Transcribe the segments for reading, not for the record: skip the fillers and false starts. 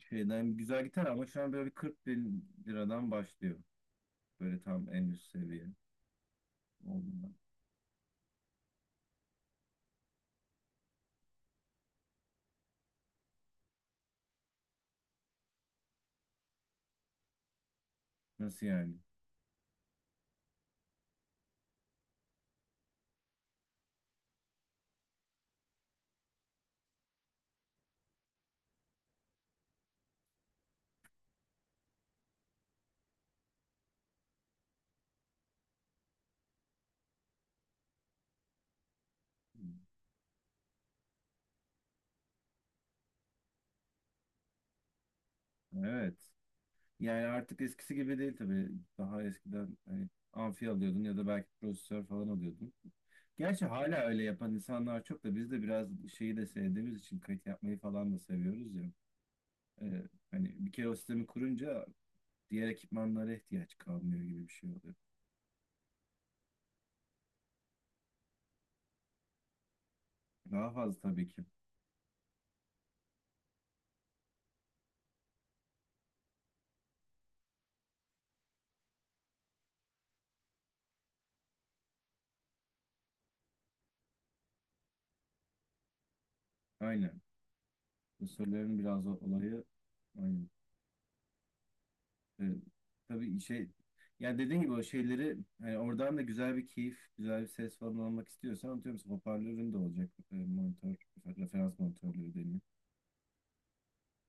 Şeyden güzel gitar ama şu an böyle bir 40 bin liradan başlıyor. Böyle tam en üst seviye olduğundan. Nasıl yani? Evet. Yani artık eskisi gibi değil tabii. Daha eskiden hani amfi alıyordun ya da belki prosesör falan alıyordun. Gerçi hala öyle yapan insanlar çok da biz de biraz şeyi de sevdiğimiz için kayıt yapmayı falan da seviyoruz ya. Hani bir kere o sistemi kurunca diğer ekipmanlara ihtiyaç kalmıyor gibi bir şey oluyor. Daha fazla tabii ki. Aynen. Söylerim biraz o olayı. Aynen. Ee, tabii şey yani dediğin gibi o şeyleri yani oradan da güzel bir keyif, güzel bir ses falan almak istiyorsan atıyorum mesela hoparlörün de olacak. Monitör, referans monitörleri deniyor.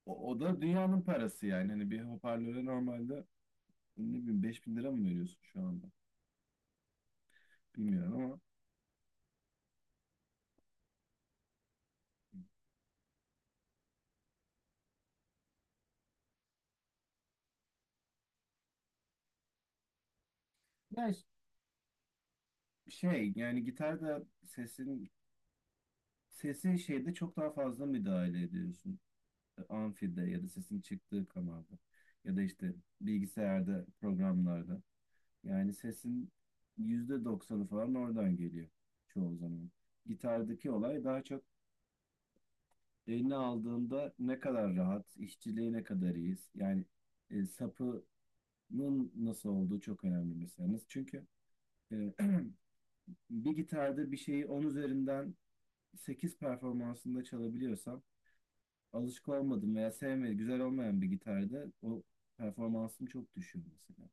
O da dünyanın parası yani. Hani bir hoparlöre normalde ne bileyim 5.000 lira mı veriyorsun şu anda? Bilmiyorum ama. Yani şey yani gitarda sesin sesi şeyde çok daha fazla müdahale ediyorsun. Amfide ya da sesin çıktığı kanalda ya da işte bilgisayarda programlarda yani sesin %90'ı falan oradan geliyor çoğu zaman. Gitardaki olay daha çok eline aldığında ne kadar rahat, işçiliği ne kadar iyiyiz. Yani sapının nasıl olduğu çok önemli mesela. Nasıl? Çünkü e, bir gitarda bir şeyi 10 üzerinden 8 performansında çalabiliyorsam alışık olmadım veya sevmediğim, güzel olmayan bir gitarda o performansım çok düşüyor mesela.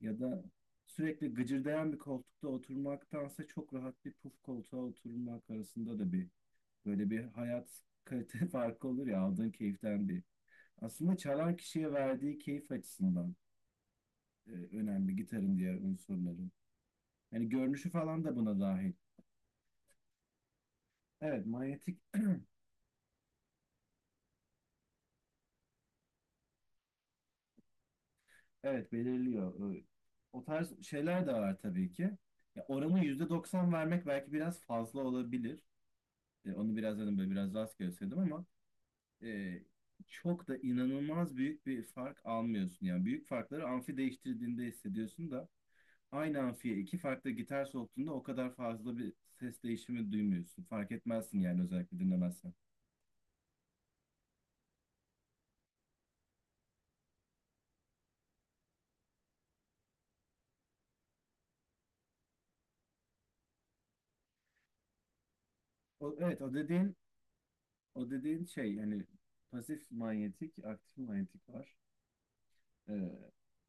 Ya da sürekli gıcırdayan bir koltukta oturmaktansa çok rahat bir puf koltuğa oturmak arasında da bir böyle bir hayat kalite farkı olur ya aldığın keyiften bir. Aslında çalan kişiye verdiği keyif açısından önemli gitarın diğer unsurları. Hani görünüşü falan da buna dahil. Evet, manyetik. Evet, belirliyor. O tarz şeyler de var tabii ki. Ya oranı %90 vermek belki biraz fazla olabilir. Onu biraz dedim böyle biraz rastgele söyledim ama e, çok da inanılmaz büyük bir fark almıyorsun. Yani büyük farkları amfi değiştirdiğinde hissediyorsun da aynı amfiye iki farklı gitar soktuğunda o kadar fazla bir ses değişimi duymuyorsun. Fark etmezsin yani özellikle dinlemezsen. O, evet, o dediğin şey hani pasif manyetik, aktif manyetik var. Ee,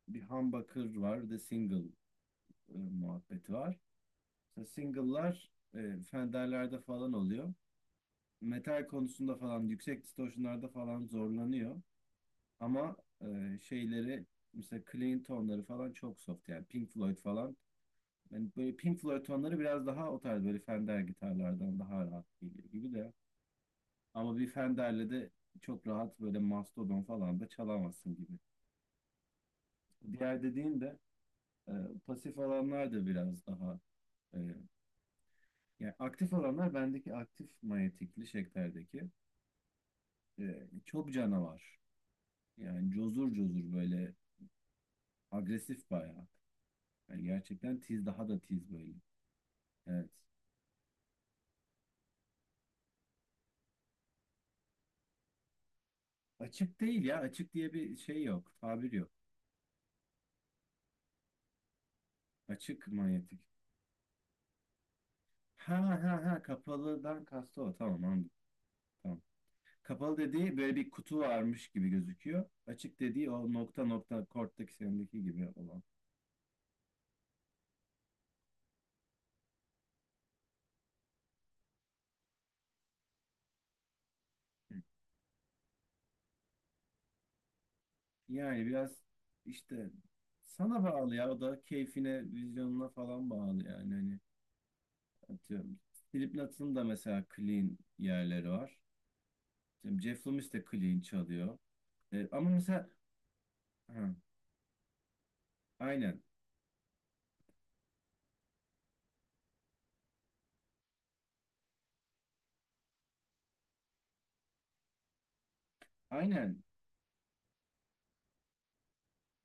bir humbucker var, de single muhabbeti var. Mesela single'lar Fender'lerde falan oluyor. Metal konusunda falan, yüksek distortion'larda falan zorlanıyor. Ama şeyleri, mesela clean tonları falan çok soft. Yani Pink Floyd falan. Yani böyle Pink Floyd tonları biraz daha o tarz böyle Fender gitarlardan daha rahat geliyor gibi de. Ama bir Fender'le de çok rahat böyle Mastodon falan da çalamazsın gibi. Diğer dediğin de E, pasif alanlar da biraz daha e, yani aktif alanlar bendeki aktif manyetikli şeklerdeki çok canavar. Yani cozur cozur böyle agresif bayağı. Yani gerçekten tiz daha da tiz böyle. Evet. Açık değil ya. Açık diye bir şey yok. Tabir yok. Açık manyetik. Ha ha ha, kapalıdan kastı o. Tamam, anladım. Tamam. Kapalı dediği böyle bir kutu varmış gibi gözüküyor. Açık dediği o nokta nokta korttaki sendeki gibi olan. Yani biraz işte sana bağlı ya o da keyfine, vizyonuna falan bağlı yani hani atıyorum. Slipknot'un da mesela clean yerleri var. Şimdi Jeff Loomis de clean çalıyor. Ama mesela ha, aynen. Aynen.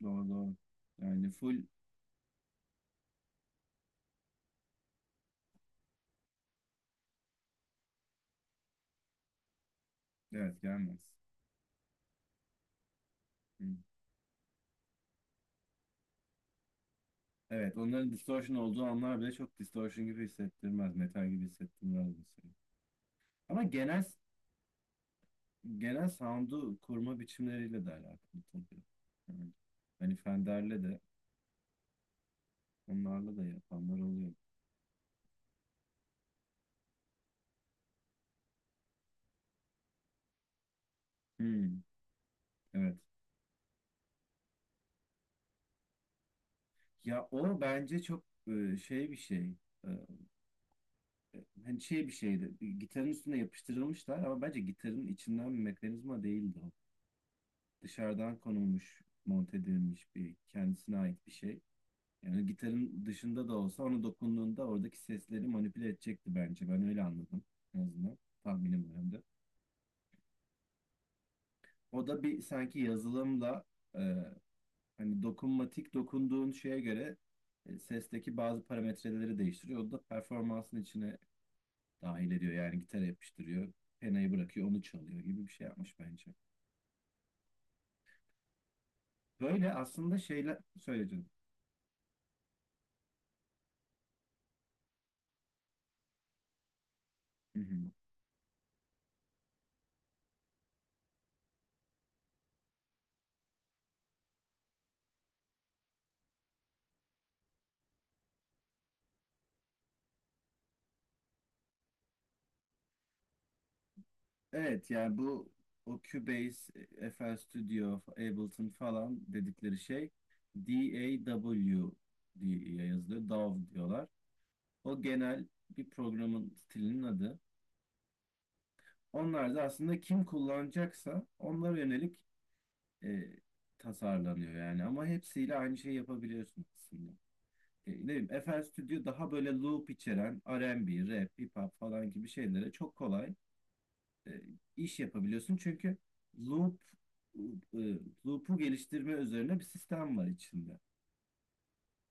Doğru doğru. Yani full evet gelmez. Hı. Evet, onların distortion olduğu anlar bile çok distortion gibi hissettirmez. Metal gibi hissettirmez mesela. Ama genel sound'u kurma biçimleriyle de alakalı tabii. Yani, hani Fender'le de onlarla da yapanlar oluyor. Hmm, evet. Ya o bence çok şey bir şey. E, Hani şey bir şeydi. Gitarın üstüne yapıştırılmışlar ama bence gitarın içinden bir mekanizma değildi o. Dışarıdan konulmuş, monte edilmiş bir kendisine ait bir şey. Yani gitarın dışında da olsa onu dokunduğunda oradaki sesleri manipüle edecekti bence. Ben öyle anladım en azından. Tahminim o da bir sanki yazılımla e, hani dokunmatik dokunduğun şeye göre sesteki bazı parametreleri değiştiriyor. O da performansın içine dahil ediyor. Yani gitar yapıştırıyor, penayı bırakıyor, onu çalıyor gibi bir şey yapmış bence. Böyle aslında şeyler söyleyeceğim. Hı hı. Evet yani bu o Cubase, FL Studio, Ableton falan dedikleri şey DAW diye yazılıyor. DAW diyorlar. O genel bir programın stilinin adı. Onlar da aslında kim kullanacaksa onlara yönelik e, tasarlanıyor yani. Ama hepsiyle aynı şeyi yapabiliyorsun aslında. Ne bileyim, FL Studio daha böyle loop içeren R&B, rap, hip hop falan gibi şeylere çok kolay e, iş yapabiliyorsun. Çünkü loop e, loop'u geliştirme üzerine bir sistem var içinde.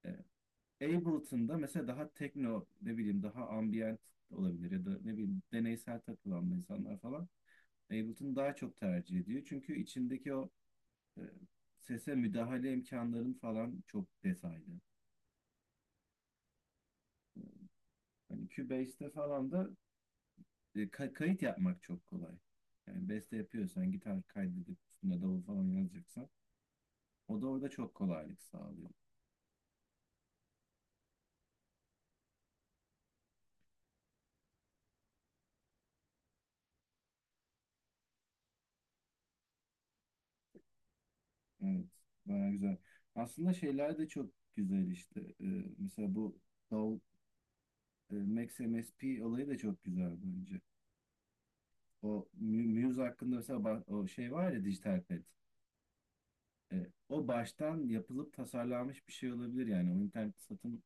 E, Ableton'da mesela daha tekno, ne bileyim daha ambient olabilir ya da ne bileyim deneysel takılan insanlar falan Ableton daha çok tercih ediyor. Çünkü içindeki o e, sese müdahale imkanların falan çok detaylı. Hani Cubase'de falan da kayıt yapmak çok kolay. Yani beste yapıyorsan gitar kaydedip üstüne davul falan yazacaksan o da orada çok kolaylık sağlıyor. Evet, baya güzel. Aslında şeyler de çok güzel işte. Mesela bu Davul, Max MSP olayı da çok güzel bence. O Muse hakkında mesela o şey var ya Digital Pet. O baştan yapılıp tasarlanmış bir şey olabilir yani. O internet satın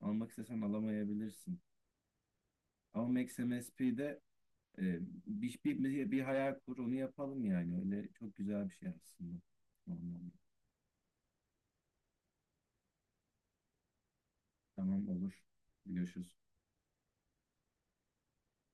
almak istesen alamayabilirsin. Ama Max MSP'de e, bir hayal kur onu yapalım yani. Öyle çok güzel bir şey aslında. Tamam, tamam olur. Görüşürüz.